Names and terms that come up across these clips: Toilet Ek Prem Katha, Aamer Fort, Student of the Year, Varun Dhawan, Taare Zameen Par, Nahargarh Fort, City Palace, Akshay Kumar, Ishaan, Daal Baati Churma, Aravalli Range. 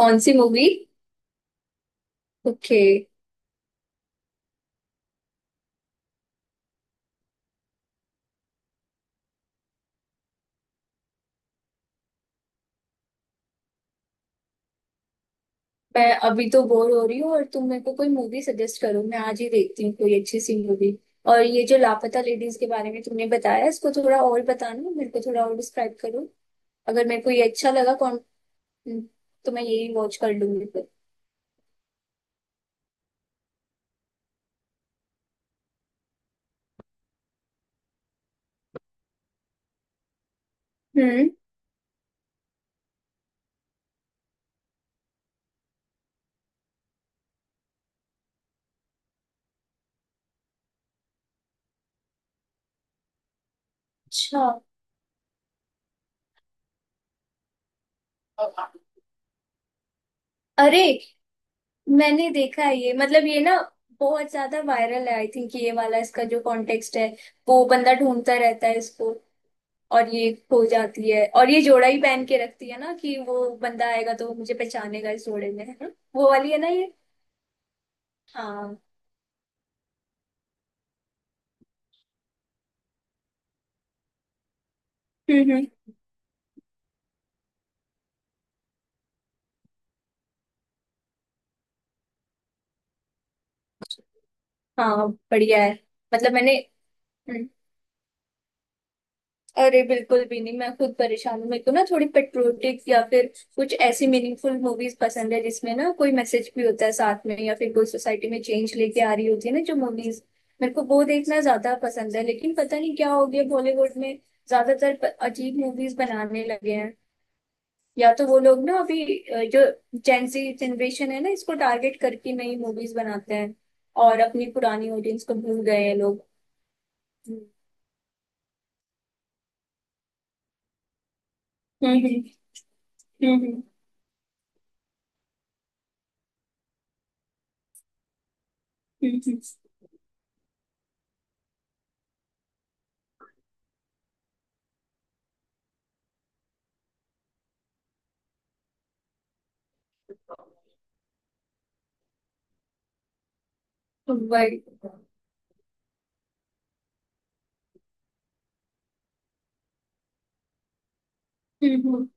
कौन सी movie? Okay. मैं अभी तो बोर हो रही हूँ और तुम मेरे को कोई मूवी सजेस्ट करो। मैं आज ही देखती हूँ कोई अच्छी सी मूवी। और ये जो लापता लेडीज के बारे में तुमने बताया, इसको थोड़ा और बताना, मेरे को थोड़ा और डिस्क्राइब करो। अगर मेरे को ये अच्छा लगा कौन, तो मैं यही वॉच कर लूंगी फिर। हम्म। अच्छा। अरे, मैंने देखा है ये। मतलब ये ना बहुत ज्यादा वायरल है आई थिंक। ये वाला इसका जो कॉन्टेक्स्ट है, वो बंदा ढूंढता रहता है इसको। और ये खो जाती है, और ये जोड़ा ही पहन के रखती है ना, कि वो बंदा आएगा तो वो मुझे पहचानेगा इस जोड़े में, है ना? वो वाली है ना ये। हाँ। हम्म। हम्म। हाँ, बढ़िया है। मतलब मैंने। हम्म, अरे बिल्कुल भी नहीं। मैं खुद परेशान हूँ। मेरे को ना थोड़ी पेट्रियोटिक या फिर कुछ ऐसी मीनिंगफुल मूवीज पसंद है, जिसमें ना कोई मैसेज भी होता है साथ में, या फिर कोई सोसाइटी में चेंज लेके आ रही होती है ना। जो मूवीज, मेरे को वो देखना ज्यादा पसंद है। लेकिन पता नहीं क्या हो गया बॉलीवुड में, ज्यादातर अजीब मूवीज बनाने लगे हैं। या तो वो लोग ना अभी जो जेंजी जनरेशन है ना, इसको टारगेट करके नई मूवीज बनाते हैं। और अपनी पुरानी ऑडियंस को भूल गए हैं लोग। हम्म। हम्म। हम्म। हम्म। वही। हम्म। हम्म।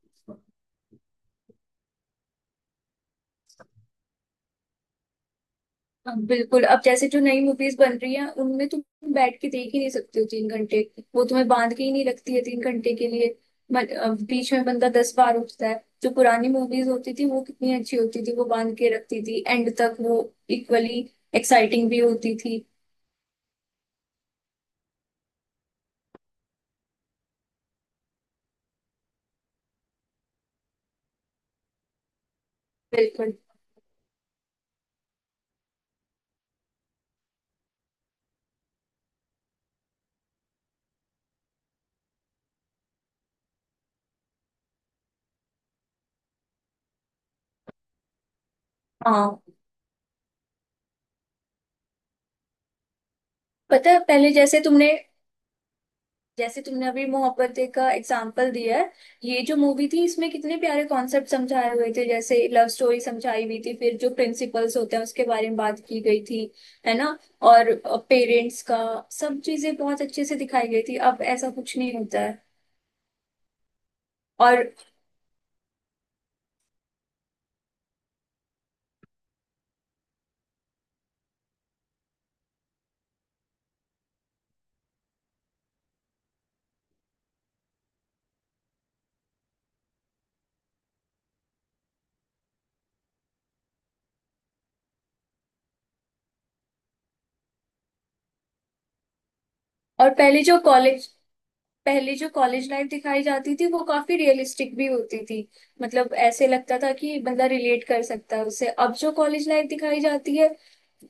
अब बिल्कुल। अब जैसे जो नई मूवीज बन रही हैं, उनमें तुम बैठ के देख ही नहीं सकते हो 3 घंटे। वो तुम्हें बांध के ही नहीं रखती है 3 घंटे के लिए। बीच में बंदा 10 बार उठता है। जो पुरानी मूवीज होती थी वो कितनी अच्छी होती थी, वो बांध के रखती थी एंड तक। वो इक्वली एक्साइटिंग भी होती थी। बिल्कुल। हाँ। पता है पहले जैसे तुमने अभी मोहब्बतें का एग्जाम्पल दिया है। ये जो मूवी थी, इसमें कितने प्यारे कॉन्सेप्ट समझाए हुए थे। जैसे लव स्टोरी समझाई हुई थी, फिर जो प्रिंसिपल्स होते हैं उसके बारे में बात की गई थी, है ना। और पेरेंट्स का, सब चीजें बहुत अच्छे से दिखाई गई थी। अब ऐसा कुछ नहीं होता है। और और पहले जो कॉलेज लाइफ दिखाई जाती थी वो काफी रियलिस्टिक भी होती थी। मतलब ऐसे लगता था कि बंदा रिलेट कर सकता है उससे। अब जो कॉलेज लाइफ दिखाई जाती है,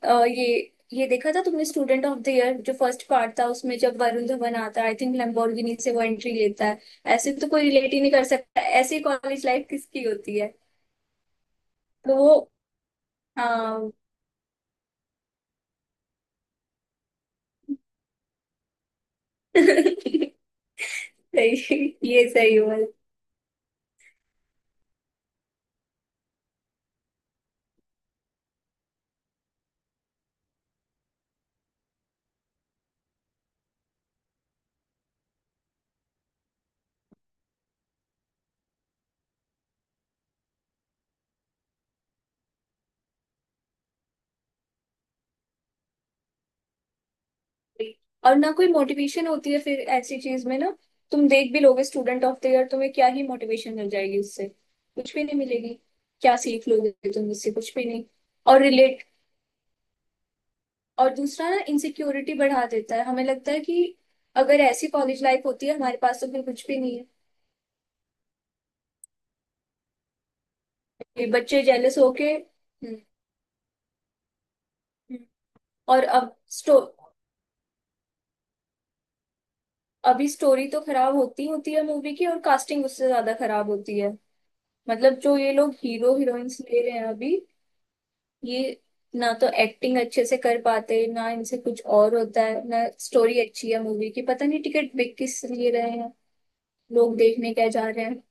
अ, ये ये देखा था तुमने स्टूडेंट ऑफ द ईयर? जो फर्स्ट पार्ट था, उसमें जब वरुण धवन आता है, आई थिंक लैम्बोर्गिनी से वो एंट्री लेता है। ऐसे तो कोई रिलेट ही नहीं कर सकता, ऐसी कॉलेज लाइफ किसकी होती है? तो वो। हाँ, सही। ये सही हुआ। और ना कोई मोटिवेशन होती है फिर ऐसी चीज में ना। तुम देख भी लोगे स्टूडेंट ऑफ द ईयर, तुम्हें क्या ही मोटिवेशन मिल जाएगी उससे? कुछ भी नहीं मिलेगी। क्या सीख लोगे तुम उससे? कुछ भी नहीं। और रिलेट। और दूसरा ना, इनसिक्योरिटी बढ़ा देता है, हमें लगता है कि अगर ऐसी कॉलेज लाइफ होती है हमारे पास तो फिर कुछ भी नहीं है। ये बच्चे जेलस होके। हम्म। हम्म। और अब स्टो अभी स्टोरी तो खराब होती होती है मूवी की, और कास्टिंग उससे ज्यादा खराब होती है। मतलब जो ये लोग हीरो हीरोइंस ले रहे हैं अभी, ये ना तो एक्टिंग अच्छे से कर पाते, ना इनसे कुछ और होता है, ना स्टोरी अच्छी है मूवी की। पता नहीं टिकट बिक किस लिए रहे हैं, लोग देखने क्या जा रहे हैं।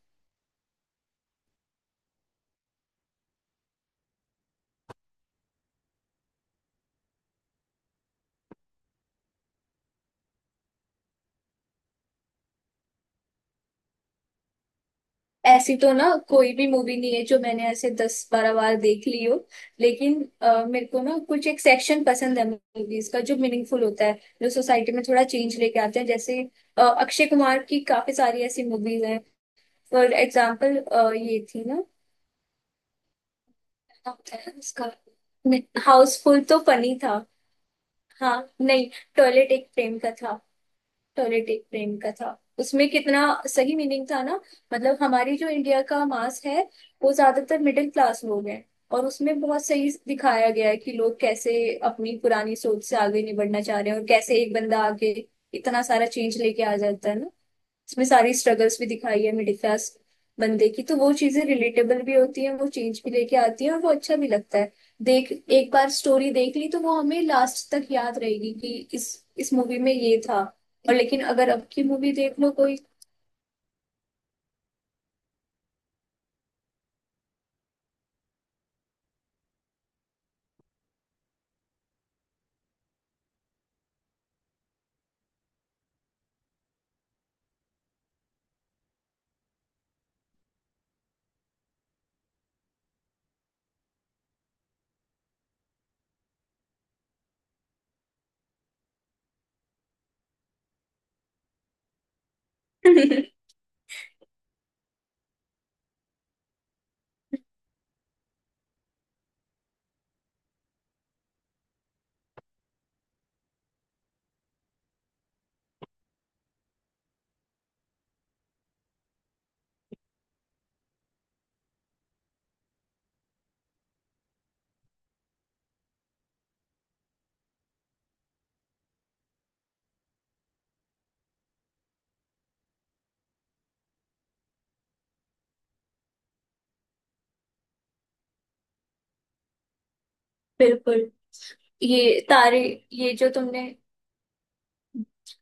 ऐसी तो ना कोई भी मूवी नहीं है जो मैंने ऐसे 10-12 बार देख ली हो। लेकिन मेरे को ना कुछ एक सेक्शन पसंद है मूवीज का, जो मीनिंगफुल होता है, जो सोसाइटी में थोड़ा चेंज लेके आते हैं। जैसे अक्षय कुमार की काफी सारी ऐसी मूवीज हैं। फॉर एग्जाम्पल, ये थी ना। क्या होता है उसका? हाउसफुल तो फनी था। हाँ, नहीं। टॉयलेट एक प्रेम का था। टॉयलेटिक प्रेम का था, उसमें कितना सही मीनिंग था ना। मतलब हमारी जो इंडिया का मास है, वो ज्यादातर मिडिल क्लास लोग हैं। और उसमें बहुत सही दिखाया गया है कि लोग कैसे अपनी पुरानी सोच से आगे नहीं बढ़ना चाह रहे हैं, और कैसे एक बंदा आगे इतना सारा चेंज लेके आ जाता है ना। इसमें सारी स्ट्रगल्स भी दिखाई है मिडिल क्लास बंदे की, तो वो चीजें रिलेटेबल भी होती हैं, वो चेंज भी लेके आती है और वो अच्छा भी लगता है। देख, एक बार स्टोरी देख ली तो वो हमें लास्ट तक याद रहेगी कि इस मूवी में ये था। और लेकिन अगर अब की मूवी देख लो कोई। बिल्कुल। ये तारे ये जो तुमने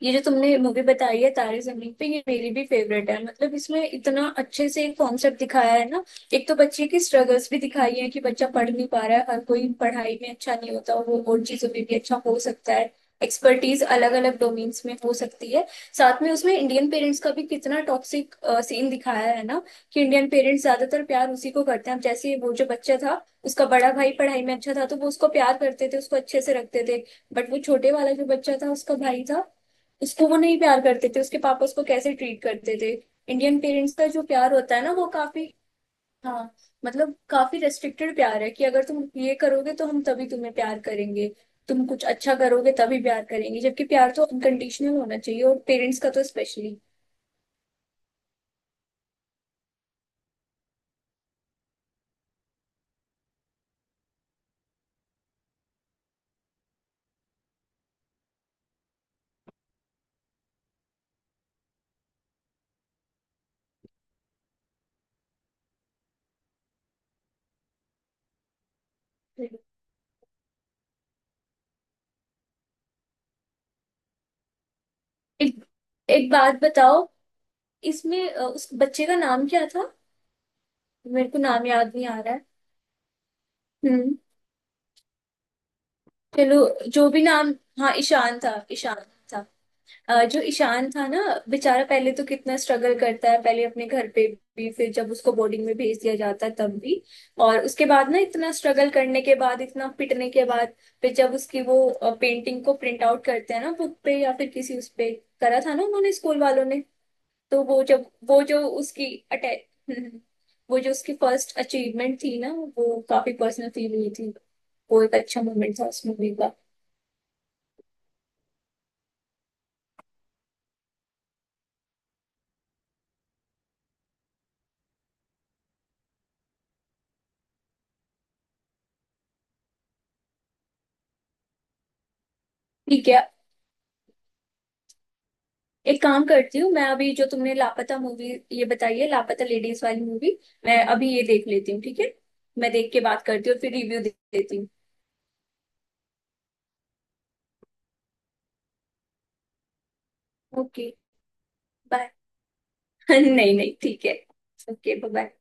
ये जो तुमने मूवी बताई है तारे जमीन पे, ये मेरी भी फेवरेट है। मतलब इसमें इतना अच्छे से एक कॉन्सेप्ट दिखाया है ना। एक तो बच्चे की स्ट्रगल्स भी दिखाई है कि बच्चा पढ़ नहीं पा रहा है। हर कोई पढ़ाई में अच्छा नहीं होता, वो और चीजों में भी अच्छा हो सकता है। एक्सपर्टीज अलग अलग डोमेन्स में हो सकती है। साथ में उसमें इंडियन पेरेंट्स का भी कितना टॉक्सिक सीन दिखाया है ना, कि इंडियन पेरेंट्स ज्यादातर प्यार उसी को करते हैं। अब जैसे वो जो बच्चा था, उसका बड़ा भाई पढ़ाई में अच्छा था तो वो उसको प्यार करते थे, उसको अच्छे से रखते थे। बट वो छोटे वाला जो बच्चा था, उसका भाई था, उसको वो नहीं प्यार करते थे। उसके पापा उसको कैसे ट्रीट करते थे। इंडियन पेरेंट्स का जो प्यार होता है ना, वो काफी। हाँ, मतलब काफी रेस्ट्रिक्टेड प्यार है, कि अगर तुम ये करोगे तो हम तभी तुम्हें प्यार करेंगे। तुम कुछ अच्छा करोगे तभी प्यार करेंगे। जबकि प्यार तो अनकंडीशनल होना चाहिए, और पेरेंट्स का तो स्पेशली। एक एक बात बताओ, इसमें उस बच्चे का नाम क्या था? मेरे को नाम याद नहीं आ रहा है। हम्म। चलो, जो भी नाम। हाँ, ईशान था। ईशान था। जो ईशान था ना, बेचारा पहले तो कितना स्ट्रगल करता है, पहले अपने घर पे भी, फिर जब उसको बोर्डिंग में भेज दिया जाता है तब भी। और उसके बाद ना, इतना स्ट्रगल करने के बाद, इतना पिटने के बाद, फिर जब उसकी वो पेंटिंग को प्रिंट आउट करते हैं ना, बुक पे या फिर किसी उस पे, करा था ना उन्होंने, स्कूल वालों ने। तो वो, जब वो जो उसकी अटैच वो जो उसकी फर्स्ट अचीवमेंट थी ना, वो काफी पर्सनल फील हुई थी। वो एक अच्छा मोमेंट था उस मूवी का। ठीक है, एक काम करती हूँ, मैं अभी जो तुमने लापता मूवी ये बताई है, लापता लेडीज वाली मूवी, मैं अभी ये देख लेती हूँ, ठीक है। मैं देख के बात करती हूँ और फिर रिव्यू दे देती हूँ। Okay, bye. नहीं, नहीं, ठीक है। Okay, bye.